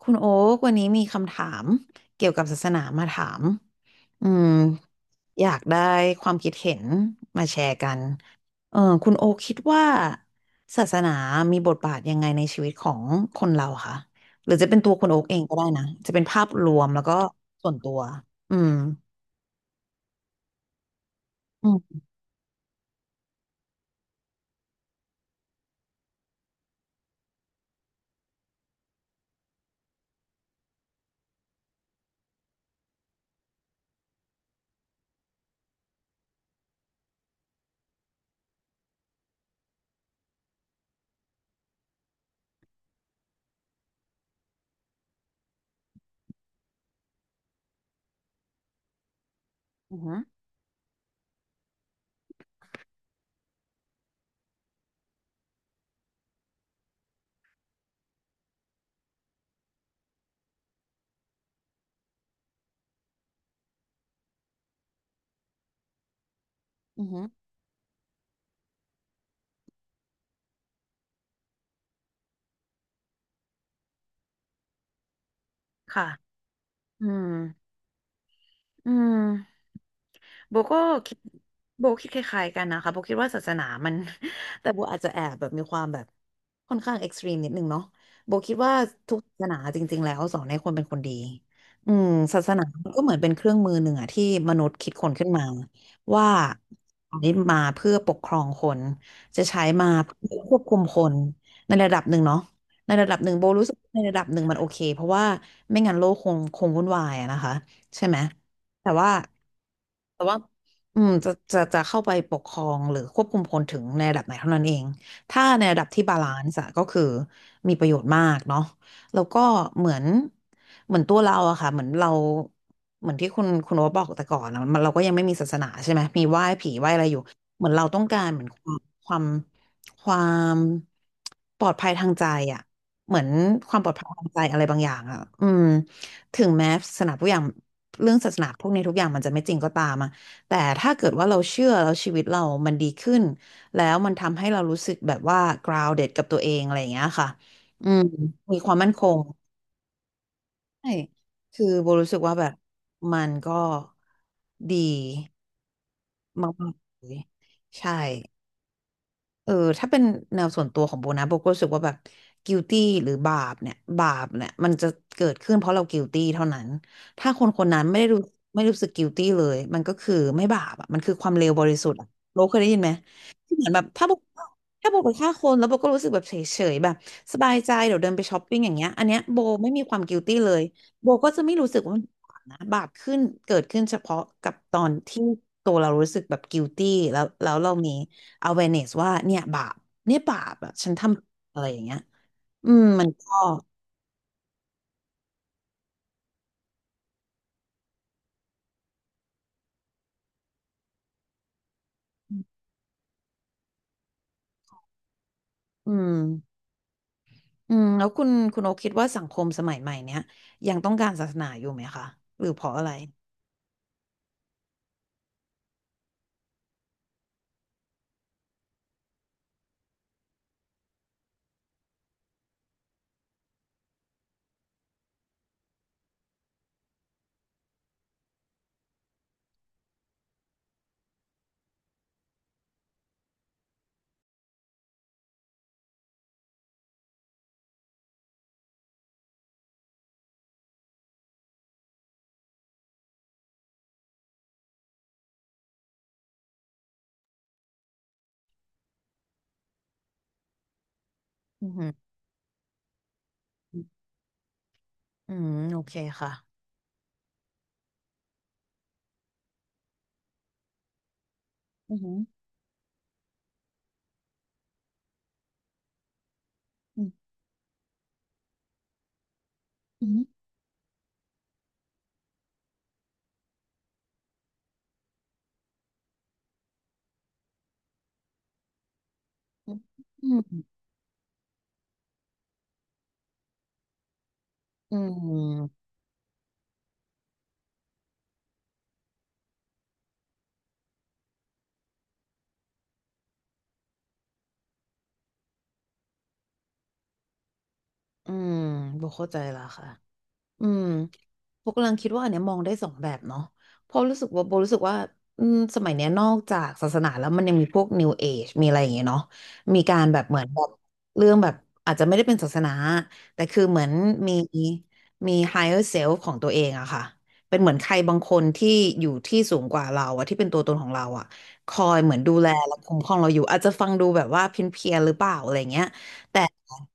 คุณโอ๊กวันนี้มีคำถามเกี่ยวกับศาสนามาถามอืมอยากได้ความคิดเห็นมาแชร์กันคุณโอ๊กคิดว่าศาสนามีบทบาทยังไงในชีวิตของคนเราคะหรือจะเป็นตัวคุณโอ๊กเองก็ได้นะจะเป็นภาพรวมแล้วก็ส่วนตัวอืมอืมอือหืออือหือค่ะอืมอืม โบก็คิดโบคิดคล้ายๆกันนะคะโบคิดว่าศาสนามัน แต่โบอาจจะแอบแบบมีความแบบค่อนข้างเอ็กซ์ตรีมนิดนึงเนาะโบคิดว่าทุกศาสนาจริงๆแล้วสอนให้คนเป็นคนดีอืมศาสนามันก็เหมือนเป็นเครื่องมือหนึ่งอะที่มนุษย์คิดคนขึ้นมาว่าใช้มาเพื่อปกครองคนจะใช้มาเพื่อควบคุมคนในระดับหนึ่งเนาะในระดับหนึ่งโบรู้สึกว่าในระดับหนึ่งมันโอเคเพราะว่าไม่งั้นโลกคงวุ่นวายอะนะคะใช่ไหมแต่ว่า แต่ว่าอืมจะเข้าไปปกครองหรือควบคุมคนถึงในระดับไหนเท่านั้นเองถ้าในระดับที่บาลานซ์อะก็คือมีประโยชน์มากเนาะแล้วก็เหมือนเหมือนตัวเราอะค่ะเหมือนเราเหมือนที่คุณโอ๊ตบอกแต่ก่อนอะมันเราก็ยังไม่มีศาสนาใช่ไหมมีไหว้ผีไหว้อะไรอยู่เหมือนเราต้องการเหมือนความความความปลอดภัยทางใจอะเหมือนความปลอดภัยทางใจอะไรบางอย่างอะอืมถึงแม้ศาสนาทุกอย่าง เรื่องศาสนาพวกนี้ทุกอย่างมันจะไม่จริงก็ตามอะแต่ถ้าเกิดว่าเราเชื่อแล้วชีวิตเรามันดีขึ้นแล้วมันทำให้เรารู้สึกแบบว่า grounded กับตัวเองอะไรอย่างเงี้ยค่ะอืมมีความมั่นคงใช่คือโบรู้สึกว่าแบบมันก็ดีมากๆเลยใช่ เออถ้าเป็นแนวส่วนตัวของโบนะโบก็รู้สึกว่าแบบ guilty หรือบาปเนี่ยบาปเนี่ยมันจะเกิดขึ้นเพราะเรา guilty เท่านั้นถ้าคนคนนั้นไม่ได้รู้ไม่รู้สึก guilty เลยมันก็คือไม่บาปอ่ะมันคือความเลวบริสุทธิ์อะโบเคยได้ยินไหมที่เหมือนแบบถ้าโบไปฆ่าคนแล้วโบก็รู้สึกแบบเฉยๆแบบสบายใจเดี๋ยวเดินไปช้อปปิ้งอย่างเงี้ยอันเนี้ยโบไม่มีความ guilty เลยโบก็จะไม่รู้สึกว่ามันบาปนะบาปขึ้นเกิดขึ้นเฉพาะกับตอนที่ตัวเรารู้สึกแบบ guilty แล้วเรามี awareness ว่าเนี่ยบาปเนี่ยบาปอะฉันทำอะไรอย่างเงี้ยอืมมันก็อืมอืมแล้วคุณโอคิดว่าสังคมสมัยใหม่เนี้ยยังต้องการศาสนาอยู่ไหมคะหรือเพราะอะไรอือหืออืมโอเคค่ะอือหืออืมอืมอืมอืมอืมอืมโบเข้าใจแล้วค่ะ อืมโบกำลังคิดว่าอันเนี้ยมองได้สองแบบเนาะเพราะรู้สึกว่าโบรู้สึกว่าอืมสมัยเนี้ยนอกจากศาสนาแล้วมันยังมีพวก New Age มีอะไรอย่างเงี้ยเนาะมีการแบบเหมือนแบบเรื่องแบบอาจจะไม่ได้เป็นศาสนาแต่คือเหมือนมีมี higher self ของตัวเองอะค่ะเป็นเหมือนใครบางคนที่อยู่ที่สูงกว่าเราอะที่เป็นตัวตนของเราอะคอยเหมือนดูแลและคุ้มครองเราอยู่อาจจะฟังดูแบบว่าเพี้ยนๆหรือเปล่าอะไรเงี้ย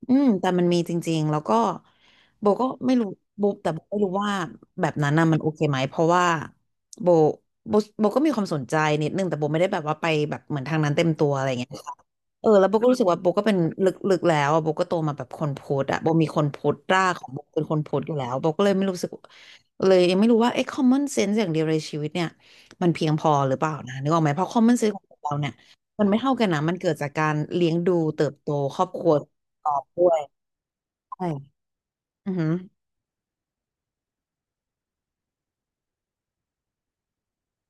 อืมแต่มันมีจริงๆแล้วก็โบก็ไม่รู้โบแต่โบไม่รู้ว่าแบบนั้นน่ะมันโอเคไหมเพราะว่าโบโบโบก็มีความสนใจนิดนึงแต่โบไม่ได้แบบว่าไปแบบเหมือนทางนั้นเต็มตัวอะไรอย่างเงี้ยค่ะแล้วโบก็รู้สึกว่าโบก็เป็นลึกๆแล้วอะโบก็โตมาแบบคนพุทธอะโบมีคนพุทธรากของโบเป็นคนพุทธอยู่แล้วโบก็เลยไม่รู้สึกเลยยังไม่รู้ว่าไอ้ common sense อย่างเดียวในชีวิตเนี่ยมันเพียงพอหรือเปล่านะนึกออกไหมเพราะ common sense ของเราเนี่ยมันไม่เท่ากันนะมันเกิดจากการเลี้ยงดูเติบโตครอบครัว กรอบด้วยใช่อือหือ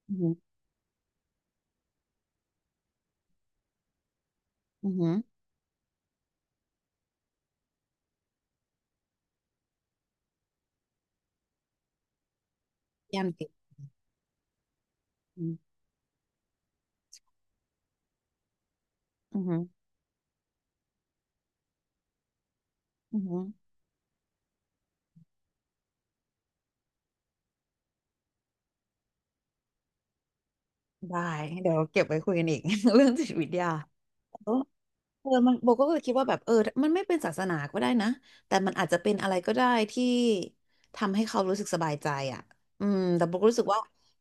อือหืออือหือย่าติดอือหืออือหือได้เดี๋ยวเก็บไว้คุยกันอีก เรื่องจิตวิทยา มันโบก็เลยคิดว่าแบบมันไม่เป็นศาสนาก็ได้นะ แต่มันอาจจะเป็นอะไรก็ได้ที่ทำให้เขารู้สึกสบายใจอ่ะอืมแต่โบก็รู้สึกว่า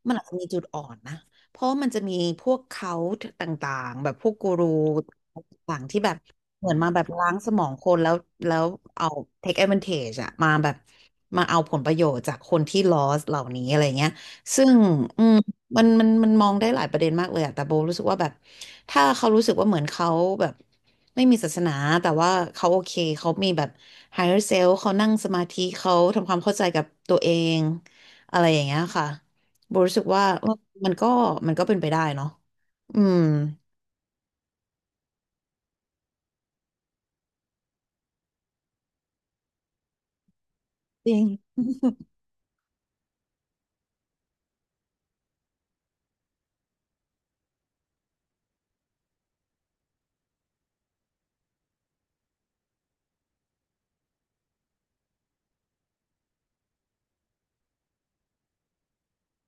มันอาจจะมีจุดอ่อนนะ เพราะมันจะมีพวกเขาต่างๆแบบพวกกูรูต่างๆที่แบบเหมือนมาแบบล้างสมองคนแล้วแล้วเอา take advantage อะมาแบบมาเอาผลประโยชน์จากคนที่ lost เหล่านี้อะไรเงี้ยซึ่งอืมมันมองได้หลายประเด็นมากเลยอะแต่โบรู้สึกว่าแบบถ้าเขารู้สึกว่าเหมือนเขาแบบ ไม่มีศาสนาแต่ว่าเขาโอเคเขามีแบบ higher self เขานั่งสมาธิเขาทำความเข้าใจกับตัวเองอะไรอย่างเงี้ยค่ะโบรู้สึกว่าเออมันก็มันก็เป็นไปได้เนาะอืมจริง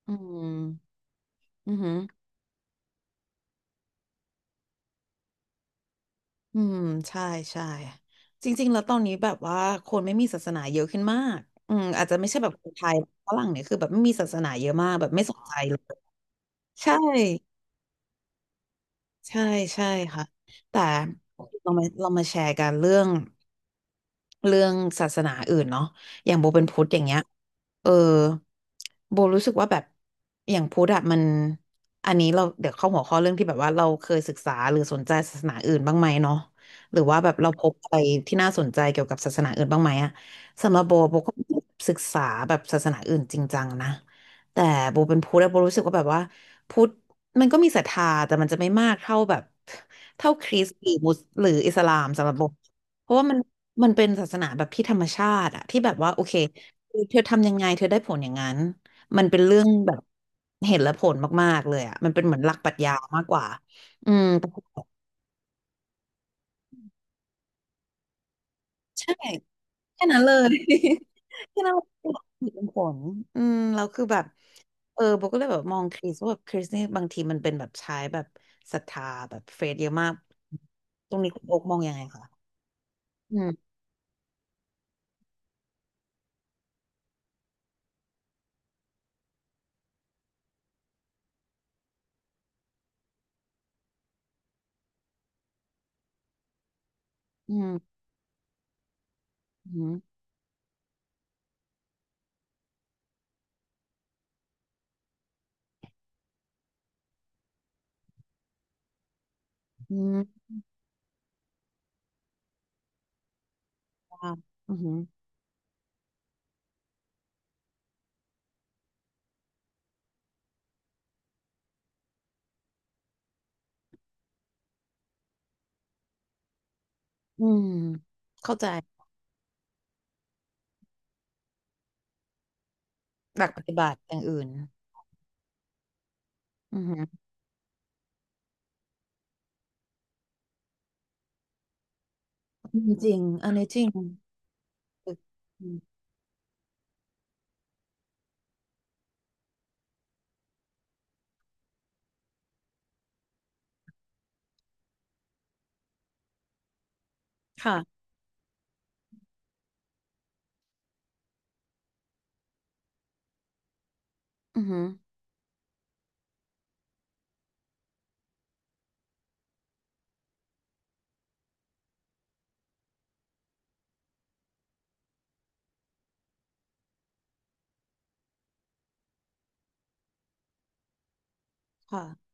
อืมอือหืออืมใช่ใช่จริงๆแล้วตอนนี้แบบว่าคนไม่มีศาสนาเยอะขึ้นมากอืมอาจจะไม่ใช่แบบคนไทยฝรั่งเนี่ยคือแบบไม่มีศาสนาเยอะมากแบบไม่สนใจเลยใช่ ใช่ใช่ค่ะแต่เรามาแชร์กันเรื่องศาสนาอื่นเนาะอย่างโบเป็นพุทธอย่างเงี้ยเออโบรู้สึกว่าแบบอย่างพุทธอะมันอันนี้เราเดี๋ยวเข้าหัวข้อเรื่องที่แบบว่าเราเคยศึกษาหรือสนใจศาสนาอื่นบ้างไหมเนาะหรือว่าแบบเราพบอะไรที่น่าสนใจเกี่ยวกับศาสนาอื่นบ้างไหมอะสำหรับโบโบก็ศึกษาแบบศาสนาอื่นจริงจังนะแต่โบเป็นพุทธอะโบรู้สึกว่าแบบว่า พุทธมันก็มีศรัทธาแต่มันจะไม่มากเท่าแบบเท่าคริสต์หรือมุสหรืออิสลามสำหรับผมเพราะว่ามันมันเป็นศาสนาแบบที่ธรรมชาติอะที่แบบว่าโอเคเธอทำยังไงเธอได้ผลอย่างนั้นมันเป็นเรื่องแบบเห็นและผลมากๆเลยอะมันเป็นเหมือนหลักปรัชญามากกว่าอืม ใช่แค่นั้นเลย แค่นั้นเลยเป็นผลอืมแล้วคือแบบเออโบก็เลยแบบมองคริสว่าแบบคริสนี่บางทีมันเป็นแบบใช้แบบศรัทธาแบบเฟซเยอะมากตรงนี้คุณโอ๊กมองยังไงคะอืมอืมอืมอืมว้าวอืมอืมเข้าใจหลักปฏิบัติอย่างอื่นอืมอืมจริงอันนี้จริงอืมค่ะอืมค่ะ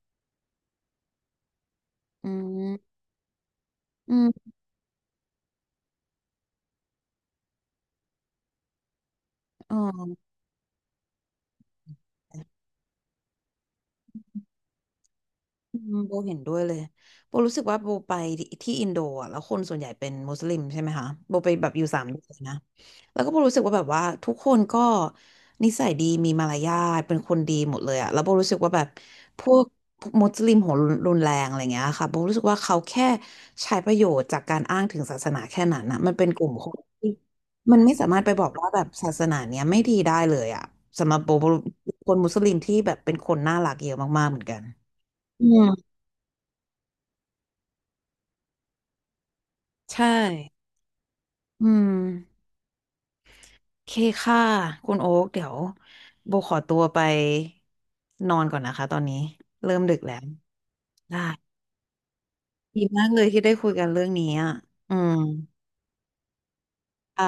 อืมอืมอ๋อ อืมโบเห็นด้วยเลยโบรู้สึกว่าโบไปที่อินโดอ่ะแล้วคนส่วนใหญ่เป็นมุสลิมใช่ไหมคะโบไปแบบอยู่3 เดือนนะ แล้วก็โบรู้สึกว่าแบบว่าทุกคนก็นิสัยดีมีมารยาทเป็นคนดีหมดเลยอ่ะแล้วโบรู้สึกว่าแบบพวกมุสลิมหัวรุนแรงอะไรเงี้ยค่ะโบรู้สึกว่าเขาแค่ใช้ประโยชน์จากการอ้างถึงศาสนาแค่นั้นนะมันเป็นกลุ่มคนที่มันไม่สามารถไปบอกว่าแบบศาสนาเนี้ยไม่ดีได้เลยอ่ะสำหรับโบโบคนมุสลิมที่แบบเป็นคนน่ารักเยอะมากๆเหมือนกันอืม ใช่ อืม เคค่ะ คุณโอ๊กเดี๋ยวโบขอตัวไปนอนก่อนนะคะตอนนี้เริ่มดึกแล้ว ได้ดีมากเลยที่ได้คุยกันเรื่องนี้อ่ะ อืม ค่ะ